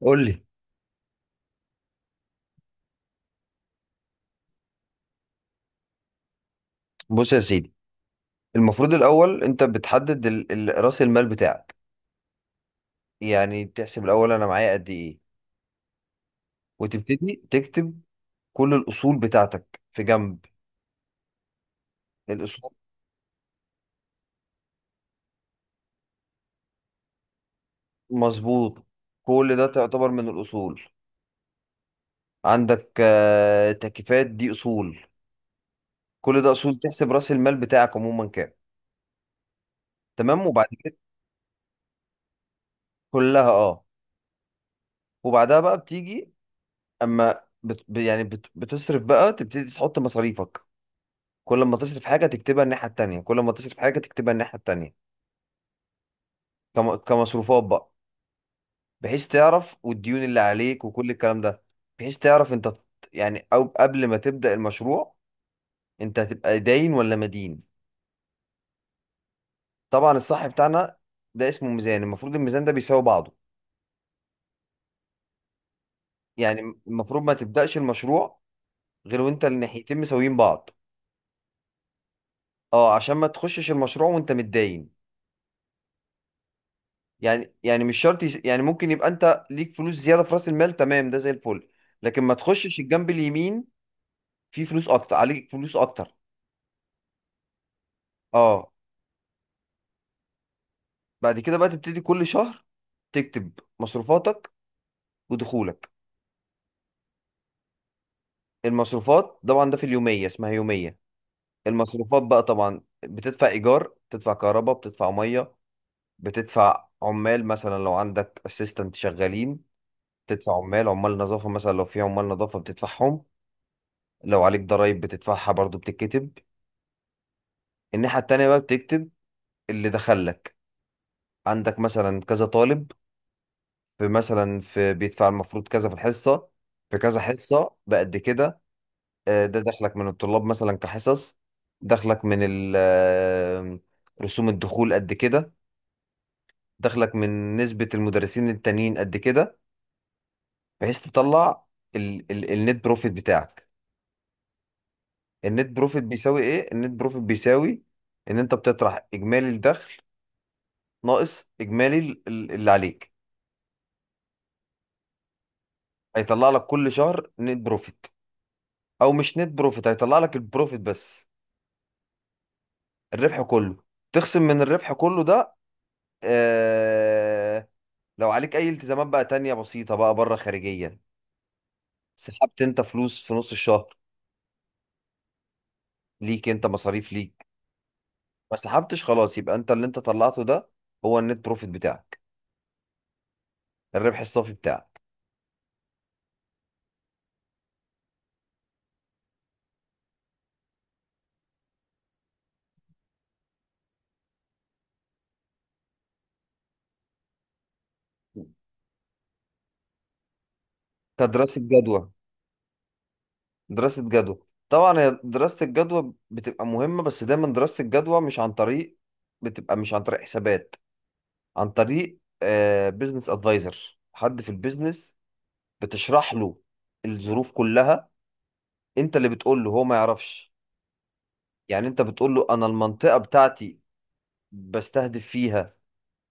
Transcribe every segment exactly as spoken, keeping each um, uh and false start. قول لي. بص يا سيدي، المفروض الاول انت بتحدد ال- ال- راس المال بتاعك. يعني بتحسب الاول انا معايا قد ايه، وتبتدي تكتب كل الاصول بتاعتك في جنب. الاصول، مظبوط. كل ده تعتبر من الاصول. عندك آه، تكييفات، دي اصول. كل ده اصول، تحسب راس المال بتاعك عموما كام. تمام، وبعد كده كلها اه. وبعدها بقى بتيجي، اما بت... يعني بت... بتصرف بقى، تبتدي تحط مصاريفك. كل ما تصرف حاجة تكتبها الناحية التانية، كل ما تصرف حاجة تكتبها الناحية التانية. كم- كمصروفات بقى، بحيث تعرف والديون اللي عليك وكل الكلام ده. بحيث تعرف انت ت- يعني او قبل ما تبدأ المشروع، انت هتبقى داين ولا مدين. طبعا الصح بتاعنا ده اسمه ميزان، المفروض الميزان ده بيساوي بعضه. يعني المفروض ما تبدأش المشروع غير وانت الناحيتين مساويين بعض. اه، عشان ما تخشش المشروع وانت متداين. يعني يعني مش شرط يس- يعني ممكن يبقى انت ليك فلوس زياده في راس المال، تمام، ده زي الفل. لكن ما تخشش الجنب اليمين فيه فلوس اكتر، عليك فلوس اكتر. اه. بعد كده بقى تبتدي كل شهر تكتب مصروفاتك ودخولك. المصروفات طبعا ده في اليوميه، اسمها يوميه. المصروفات بقى طبعا، بتدفع ايجار، بتدفع كهرباء، بتدفع ميه، بتدفع عمال مثلا لو عندك اسيستنت شغالين، بتدفع عمال، عمال نظافه مثلا لو في عمال نظافه بتدفعهم، لو عليك ضرايب بتدفعها برضو بتتكتب. الناحية التانية بقى بتكتب اللي دخلك. عندك مثلا كذا طالب، في مثلا في بيدفع المفروض كذا في الحصة، في كذا حصة بقد كده. آه، ده دخلك من الطلاب مثلا كحصص. دخلك من ال- آه، رسوم الدخول قد كده. دخلك من نسبة المدرسين التانيين قد كده، بحيث تطلع ال ال النت بروفيت بتاعك. النت بروفيت بيساوي ايه؟ النت بروفيت بيساوي ان انت بتطرح اجمالي الدخل ناقص اجمالي ال- ال- اللي عليك. هيطلع لك كل شهر نت بروفيت، او مش نت بروفيت، هيطلع لك البروفيت بس. الربح كله. تخصم من الربح كله ده آه، لو عليك اي التزامات بقى تانية بسيطة بقى بره خارجيا، سحبت انت فلوس في نص الشهر، ليك انت مصاريف ليك، ما سحبتش خلاص، يبقى انت اللي انت طلعته ده هو النت بروفيت بتاعك. الربح الصافي بتاعك. كدراسة جدوى. دراسة جدوى طبعا، هي دراسة الجدوى بتبقى مهمة، بس دايما دراسة الجدوى مش عن طريق، بتبقى مش عن طريق حسابات، عن طريق بزنس ادفايزر، حد في البيزنس، بتشرح له الظروف كلها. انت اللي بتقول له، هو ما يعرفش. يعني انت بتقول له انا المنطقة بتاعتي بستهدف فيها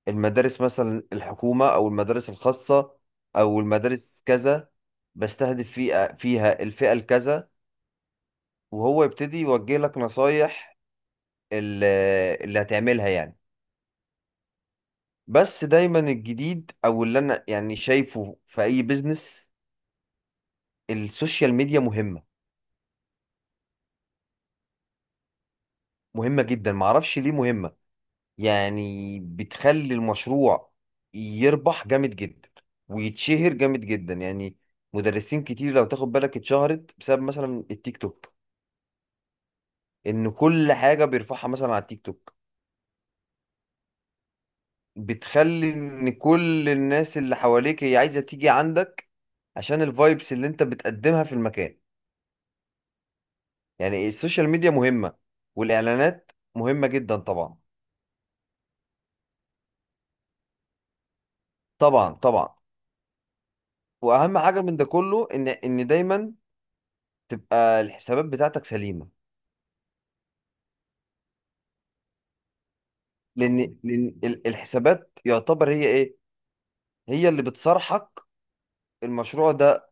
المدارس مثلا الحكومة، او المدارس الخاصة، او المدارس كذا، بستهدف فيها فيها الفئة الكذا، وهو يبتدي يوجه لك نصايح ال- اللي هتعملها يعني. بس دايما الجديد او اللي انا يعني شايفه في اي بيزنس، السوشيال ميديا مهمة. مهمة جدا، معرفش ليه مهمة، يعني بتخلي المشروع يربح جامد جدا، ويتشهر جامد جدا يعني. مدرسين كتير لو تاخد بالك اتشهرت بسبب مثلا التيك توك، ان كل حاجة بيرفعها مثلا على التيك توك بتخلي ان كل الناس اللي حواليك هي عايزة تيجي عندك، عشان الفايبس اللي انت بتقدمها في المكان. يعني السوشيال ميديا مهمة، والاعلانات مهمة جدا. طبعا طبعا طبعا. واهم حاجة من ده كله ان ان دايما تبقى الحسابات بتاعتك سليمه. لان لان ال- الحسابات يعتبر هي ايه، هي اللي بتصارحك المشروع ده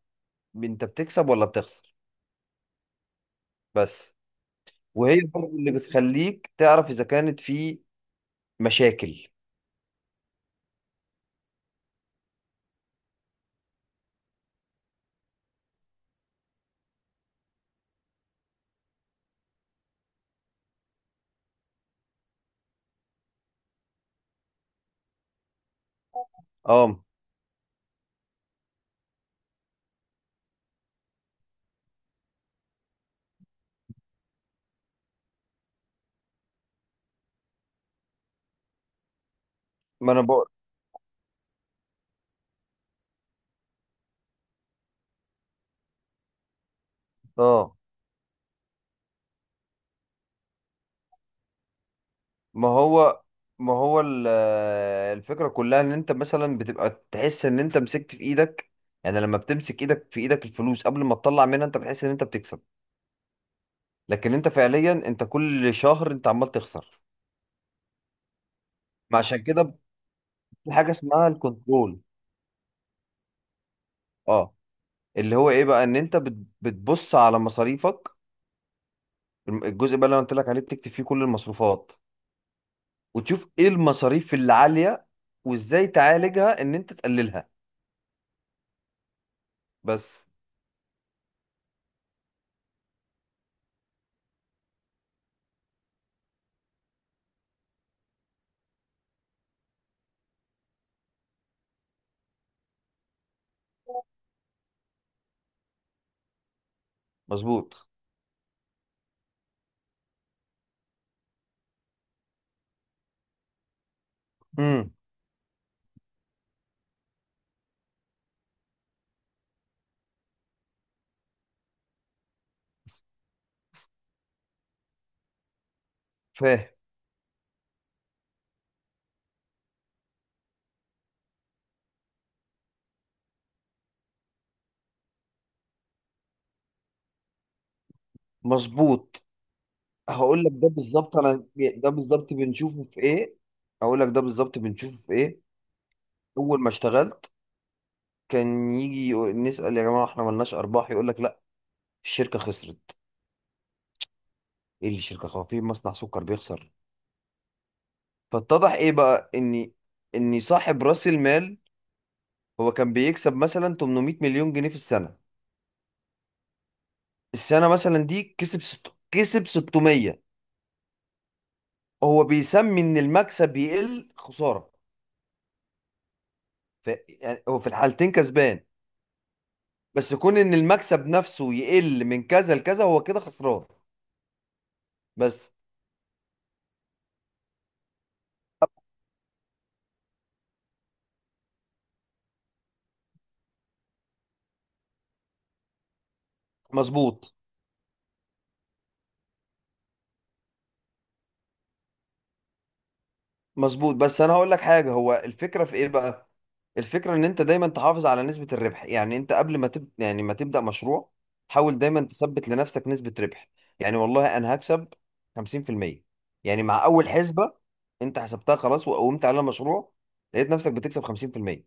انت بتكسب ولا بتخسر. بس. وهي برضه اللي بتخليك تعرف اذا كانت في مشاكل. اه. ما انا بقول. اه، ما هو ما هو ال- الفكره كلها ان انت مثلا بتبقى تحس ان انت مسكت في ايدك. يعني لما بتمسك ايدك في ايدك الفلوس قبل ما تطلع منها انت بتحس ان انت بتكسب، لكن انت فعليا انت كل شهر انت عمال تخسر. ما عشان كده في حاجه اسمها الكنترول. اه، اللي هو ايه بقى، ان انت بت- بتبص على مصاريفك. الم- الجزء بقى اللي انا قلت لك عليه بتكتب فيه كل المصروفات، وتشوف ايه المصاريف اللي عاليه، وازاي تعالجها ان انت تقللها. بس. مظبوط. امم. فاهم. مظبوط. هقول لك ده بالظبط، انا ده بالظبط بنشوفه في ايه. هقول لك ده بالظبط بنشوفه في ايه. اول ما اشتغلت كان يجي يقول، نسال يا جماعه احنا ملناش ارباح، يقول لك لا، الشركه خسرت. ايه اللي شركه خسرت في مصنع سكر بيخسر؟ فاتضح ايه بقى، اني اني صاحب راس المال، هو كان بيكسب مثلا تمنمية مليون جنيه في السنه، السنه مثلا دي كسب ست... كسب ستمية، هو بيسمي ان المكسب يقل خساره. ف... يعني هو في الحالتين كسبان، بس كون ان المكسب نفسه يقل من كذا لكذا هو كده خسران. بس. مظبوط مظبوط بس انا هقول لك حاجه، هو الفكره في ايه بقى، الفكره ان انت دايما تحافظ على نسبه الربح. يعني انت قبل ما تب... يعني ما تبدا مشروع، حاول دايما تثبت لنفسك نسبه ربح. يعني والله انا هكسب خمسين في المية، يعني مع اول حسبه انت حسبتها خلاص وقومت على المشروع، لقيت نفسك بتكسب خمسين في المية.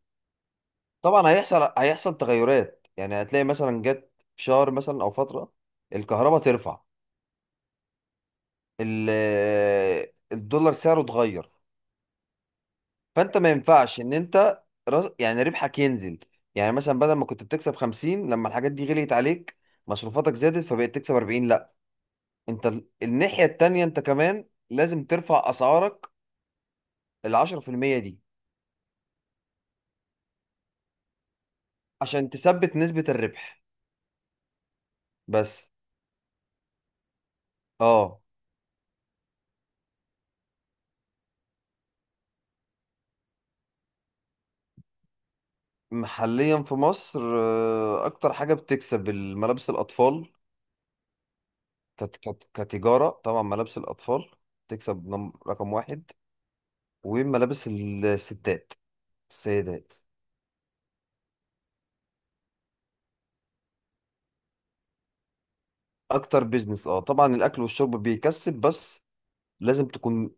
طبعا هيحصل هيحصل تغيرات، يعني هتلاقي مثلا جت في شهر مثلا او فتره الكهرباء ترفع، ال... الدولار سعره اتغير، فانت ما ينفعش ان انت رز... يعني ربحك ينزل. يعني مثلا بدل ما كنت بتكسب خمسين لما الحاجات دي غليت عليك مصروفاتك زادت فبقيت تكسب اربعين، لا، انت ال- الناحية التانية انت كمان لازم ترفع اسعارك ال عشرة في المية دي، عشان تثبت نسبة الربح. بس. اه. حاليا في مصر آه، اكتر حاجة بتكسب الملابس الاطفال. كت... كت... كتجارة طبعا ملابس الاطفال تكسب نم- رقم واحد، وملابس الستات، السيدات. اكتر بيزنس، اه، طبعا الاكل والشرب بيكسب، بس لازم تكون،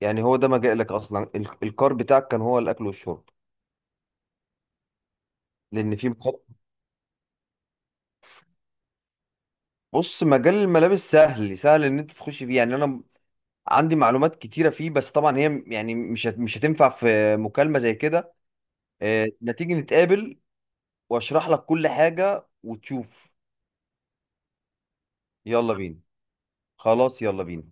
يعني هو ده مجالك اصلا، ال- الكار بتاعك كان هو الاكل والشرب. لان في مخاطر. بص مجال الملابس سهل، سهل ان انت تخش فيه، يعني انا عندي معلومات كتيره فيه، بس طبعا هي م- يعني مش هت- مش هتنفع في مكالمه زي كده. آه، ما تيجي نتقابل واشرح لك كل حاجه وتشوف. يلا بينا. خلاص يلا بينا.